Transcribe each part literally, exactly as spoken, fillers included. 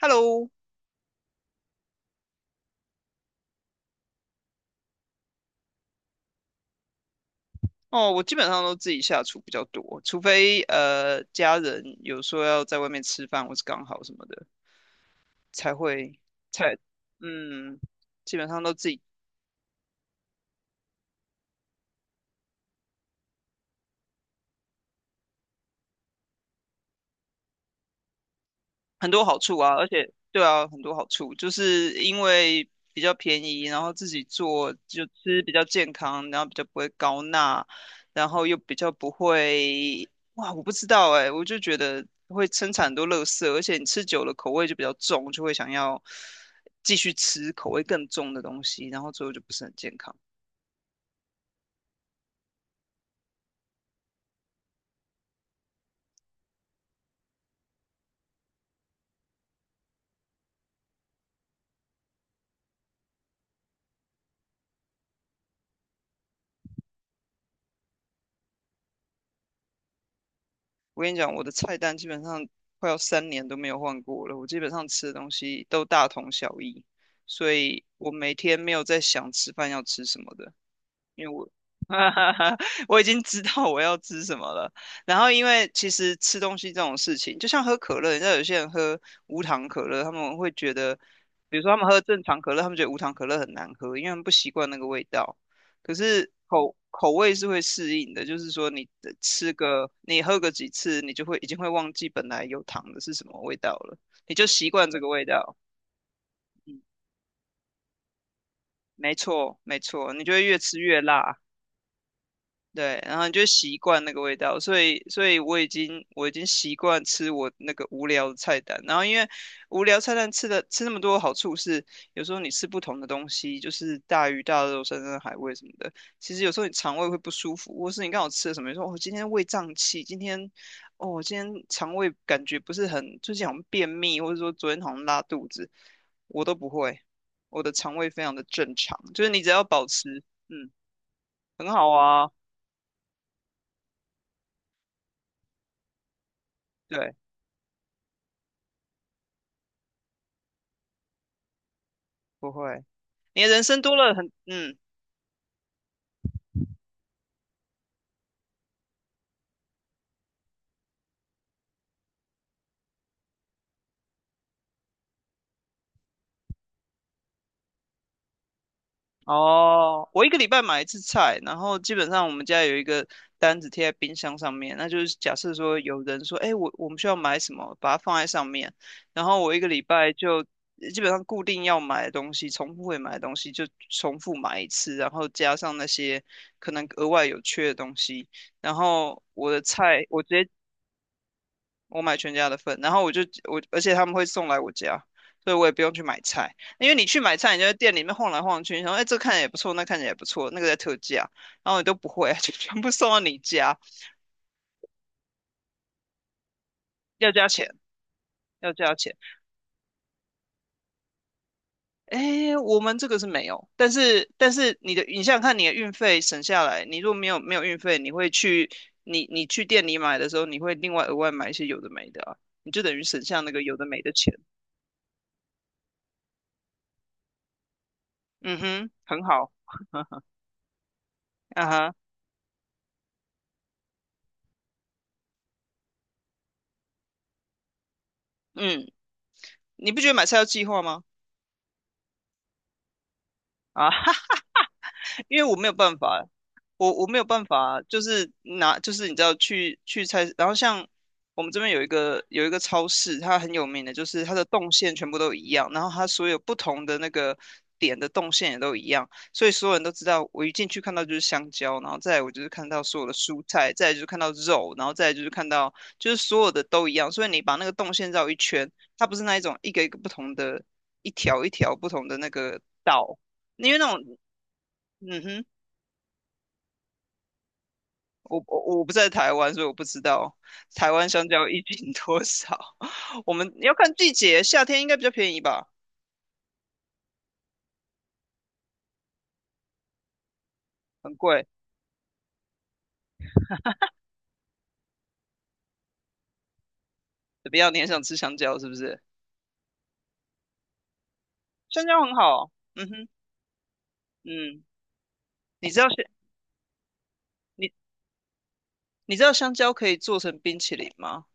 Hello。哦，我基本上都自己下厨比较多，除非呃家人有说要在外面吃饭或是刚好什么的，才会才嗯，基本上都自己很多好处啊。而且对啊，很多好处，就是因为比较便宜，然后自己做就吃比较健康，然后比较不会高钠，然后又比较不会，哇，我不知道哎、我就觉得会生产很多垃圾，而且你吃久了口味就比较重，就会想要继续吃口味更重的东西，然后最后就不是很健康。我跟你讲，我的菜单基本上快要三年都没有换过了，我基本上吃的东西都大同小异，所以我每天没有在想吃饭要吃什么的，因为我 我已经知道我要吃什么了。然后，因为其实吃东西这种事情，就像喝可乐，你知道有些人喝无糖可乐，他们会觉得，比如说他们喝正常可乐，他们觉得无糖可乐很难喝，因为他们不习惯那个味道。可是口口味是会适应的，就是说你的吃个，你喝个几次，你就会已经会忘记本来有糖的是什么味道了，你就习惯这个味道。嗯，没错，没错，你就会越吃越辣。对，然后你就习惯那个味道，所以所以我已经我已经习惯吃我那个无聊的菜单，然后因为无聊菜单吃的吃那么多的好处是，有时候你吃不同的东西，就是大鱼大肉、山珍海味什么的，其实有时候你肠胃会不舒服，或是你刚好吃了什么，你说哦今天胃胀气，今天哦今天肠胃感觉不是很，最近好像便秘，或者说昨天好像拉肚子，我都不会，我的肠胃非常的正常，就是你只要保持嗯很好啊。对。不会，你的人生多了很，嗯，哦，我一个礼拜买一次菜，然后基本上我们家有一个单子贴在冰箱上面，那就是假设说有人说，哎，我我们需要买什么，把它放在上面，然后我一个礼拜就基本上固定要买的东西，重复会买的东西就重复买一次，然后加上那些可能额外有缺的东西，然后我的菜我直接我买全家的份，然后我就我，而且他们会送来我家，所以我也不用去买菜，因为你去买菜，你就在店里面晃来晃去，然后哎，这看起来也不错，那看起来也不错，那个在特价，然后你都不会，就全部送到你家，要加钱，要加钱。哎，我们这个是没有，但是但是你的，你想想看，你的运费省下来，你如果没有没有运费，你会去你你去店里买的时候，你会另外额外买一些有的没的啊，你就等于省下那个有的没的钱。嗯哼，很好，啊哈，嗯。你不觉得买菜要计划吗？啊，因为我没有办法我我没有办法，就是拿，就是你知道去去菜市，然后像我们这边有一个有一个超市，它很有名的，就是它的动线全部都一样，然后它所有不同的那个点的动线也都一样，所以所有人都知道，我一进去看到就是香蕉，然后再来我就是看到所有的蔬菜，再来就是看到肉，然后再来就是看到就是所有的都一样，所以你把那个动线绕一圈，它不是那一种一个一个不同的，一条一条不同的那个道，因为那种嗯哼。我我我不在台湾，所以我不知道台湾香蕉一斤多少。我们要看季节，夏天应该比较便宜吧，很贵。怎么样？你很想吃香蕉是不是？香蕉很好，嗯哼，嗯，你知道香你你知道香蕉可以做成冰淇淋吗？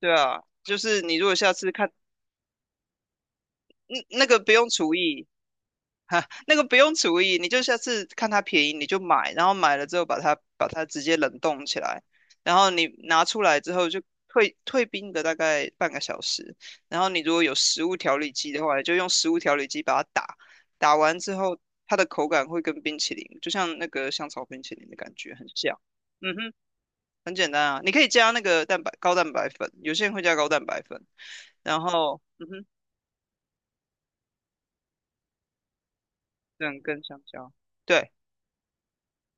对啊，就是你如果下次看，嗯，那个不用厨艺，哈，那个不用厨艺，你就下次看它便宜你就买，然后买了之后把它把它直接冷冻起来，然后你拿出来之后就退退冰个大概半个小时，然后你如果有食物调理机的话，你就用食物调理机把它打，打完之后它的口感会跟冰淇淋，就像那个香草冰淇淋的感觉很像。嗯哼，很简单啊，你可以加那个蛋白高蛋白粉，有些人会加高蛋白粉，然后嗯哼，这样跟香蕉，对。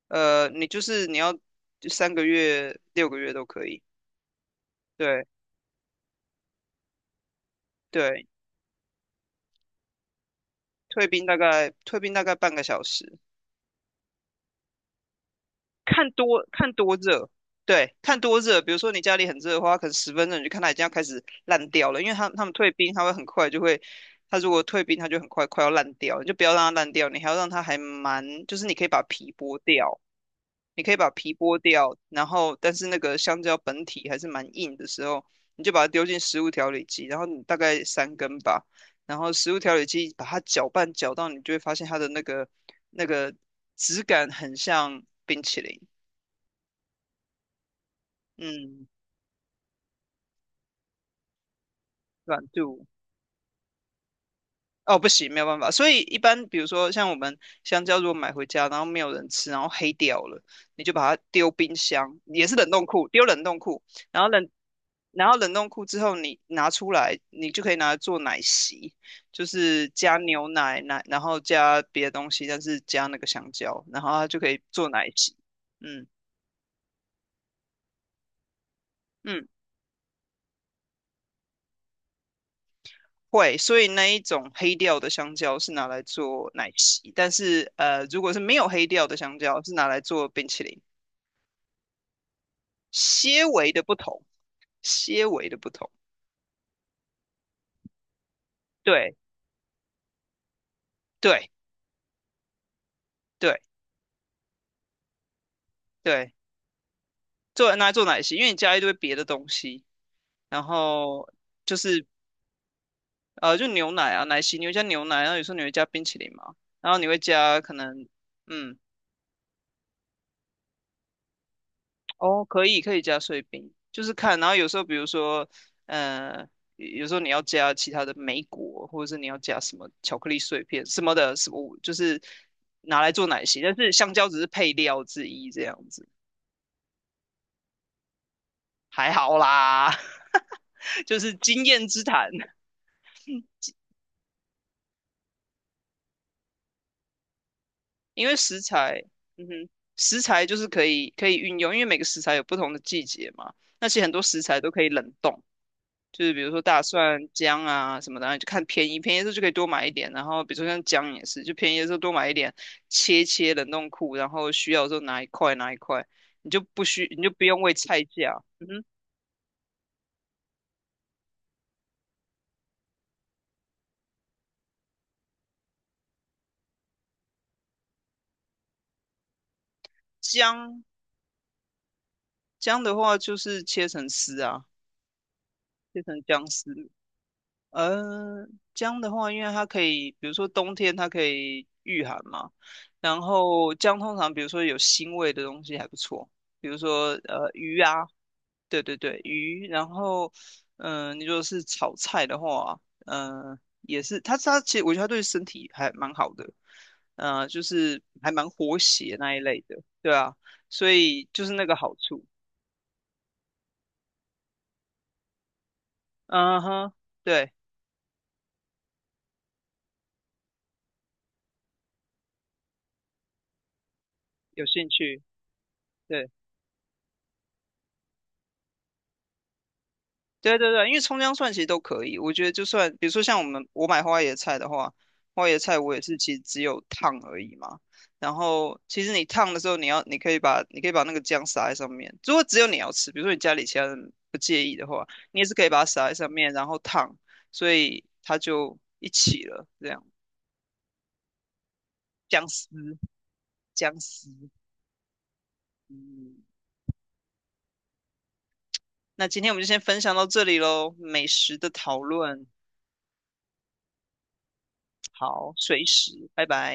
呃，你就是你要三个月、六个月都可以。对对，退兵大概退兵大概半个小时，看多看多热，对，看多热。比如说你家里很热的话，可能十分钟你就看它已经要开始烂掉了，因为他他们退冰，它会很快就会，它如果退冰，它就很快快要烂掉，你就不要让它烂掉，你还要让它还蛮，就是你可以把皮剥掉。你可以把皮剥掉，然后但是那个香蕉本体还是蛮硬的时候，你就把它丢进食物调理机，然后你大概三根吧，然后食物调理机把它搅拌搅到，你就会发现它的那个那个质感很像冰淇淋，嗯，软度。哦，不行，没有办法。所以一般，比如说像我们香蕉，如果买回家，然后没有人吃，然后黑掉了，你就把它丢冰箱，也是冷冻库，丢冷冻库，然后冷，然后冷冻库之后，你拿出来，你就可以拿来做奶昔，就是加牛奶，奶，然后加别的东西，但是加那个香蕉，然后它就可以做奶昔。嗯嗯，会。所以那一种黑掉的香蕉是拿来做奶昔，但是呃，如果是没有黑掉的香蕉，是拿来做冰淇淋。些微的不同，些微的不同。对对对对，做拿来做奶昔，因为你加一堆别的东西，然后就是呃，就牛奶啊，奶昔你会加牛奶，然后有时候你会加冰淇淋嘛，然后你会加可能嗯哦，可以可以加碎冰，就是看，然后有时候比如说呃。有时候你要加其他的莓果，或者是你要加什么巧克力碎片什么的，什么就是拿来做奶昔，但是香蕉只是配料之一这样子。还好啦，就是经验之谈。因为食材，嗯哼，食材就是可以可以运用，因为每个食材有不同的季节嘛。那其实很多食材都可以冷冻，就是比如说大蒜、姜啊什么的，然后就看便宜，便宜的时候就可以多买一点。然后比如说像姜也是，就便宜的时候多买一点，切切冷冻库，然后需要的时候拿一块拿一块，你就不需你就不用为菜价。嗯哼，姜姜的话就是切成丝啊，切成姜丝。呃，姜的话，因为它可以，比如说冬天它可以御寒嘛，然后姜通常比如说有腥味的东西还不错，比如说呃鱼啊，对对对，鱼，然后嗯、呃你如果是炒菜的话，嗯、呃，也是它它其实我觉得它对身体还蛮好的，呃，就是还蛮活血那一类的，对啊，所以就是那个好处，嗯哼，对，有兴趣。对。对对对，因为葱姜蒜其实都可以，我觉得就算比如说像我们我买花椰菜的话，花椰菜我也是其实只有烫而已嘛。然后其实你烫的时候，你要你可以把你可以把那个酱撒在上面。如果只有你要吃，比如说你家里其他人不介意的话，你也是可以把它撒在上面，然后烫，所以它就一起了。这样姜丝姜丝，嗯，那今天我们就先分享到这里喽，美食的讨论，好，随时，拜拜。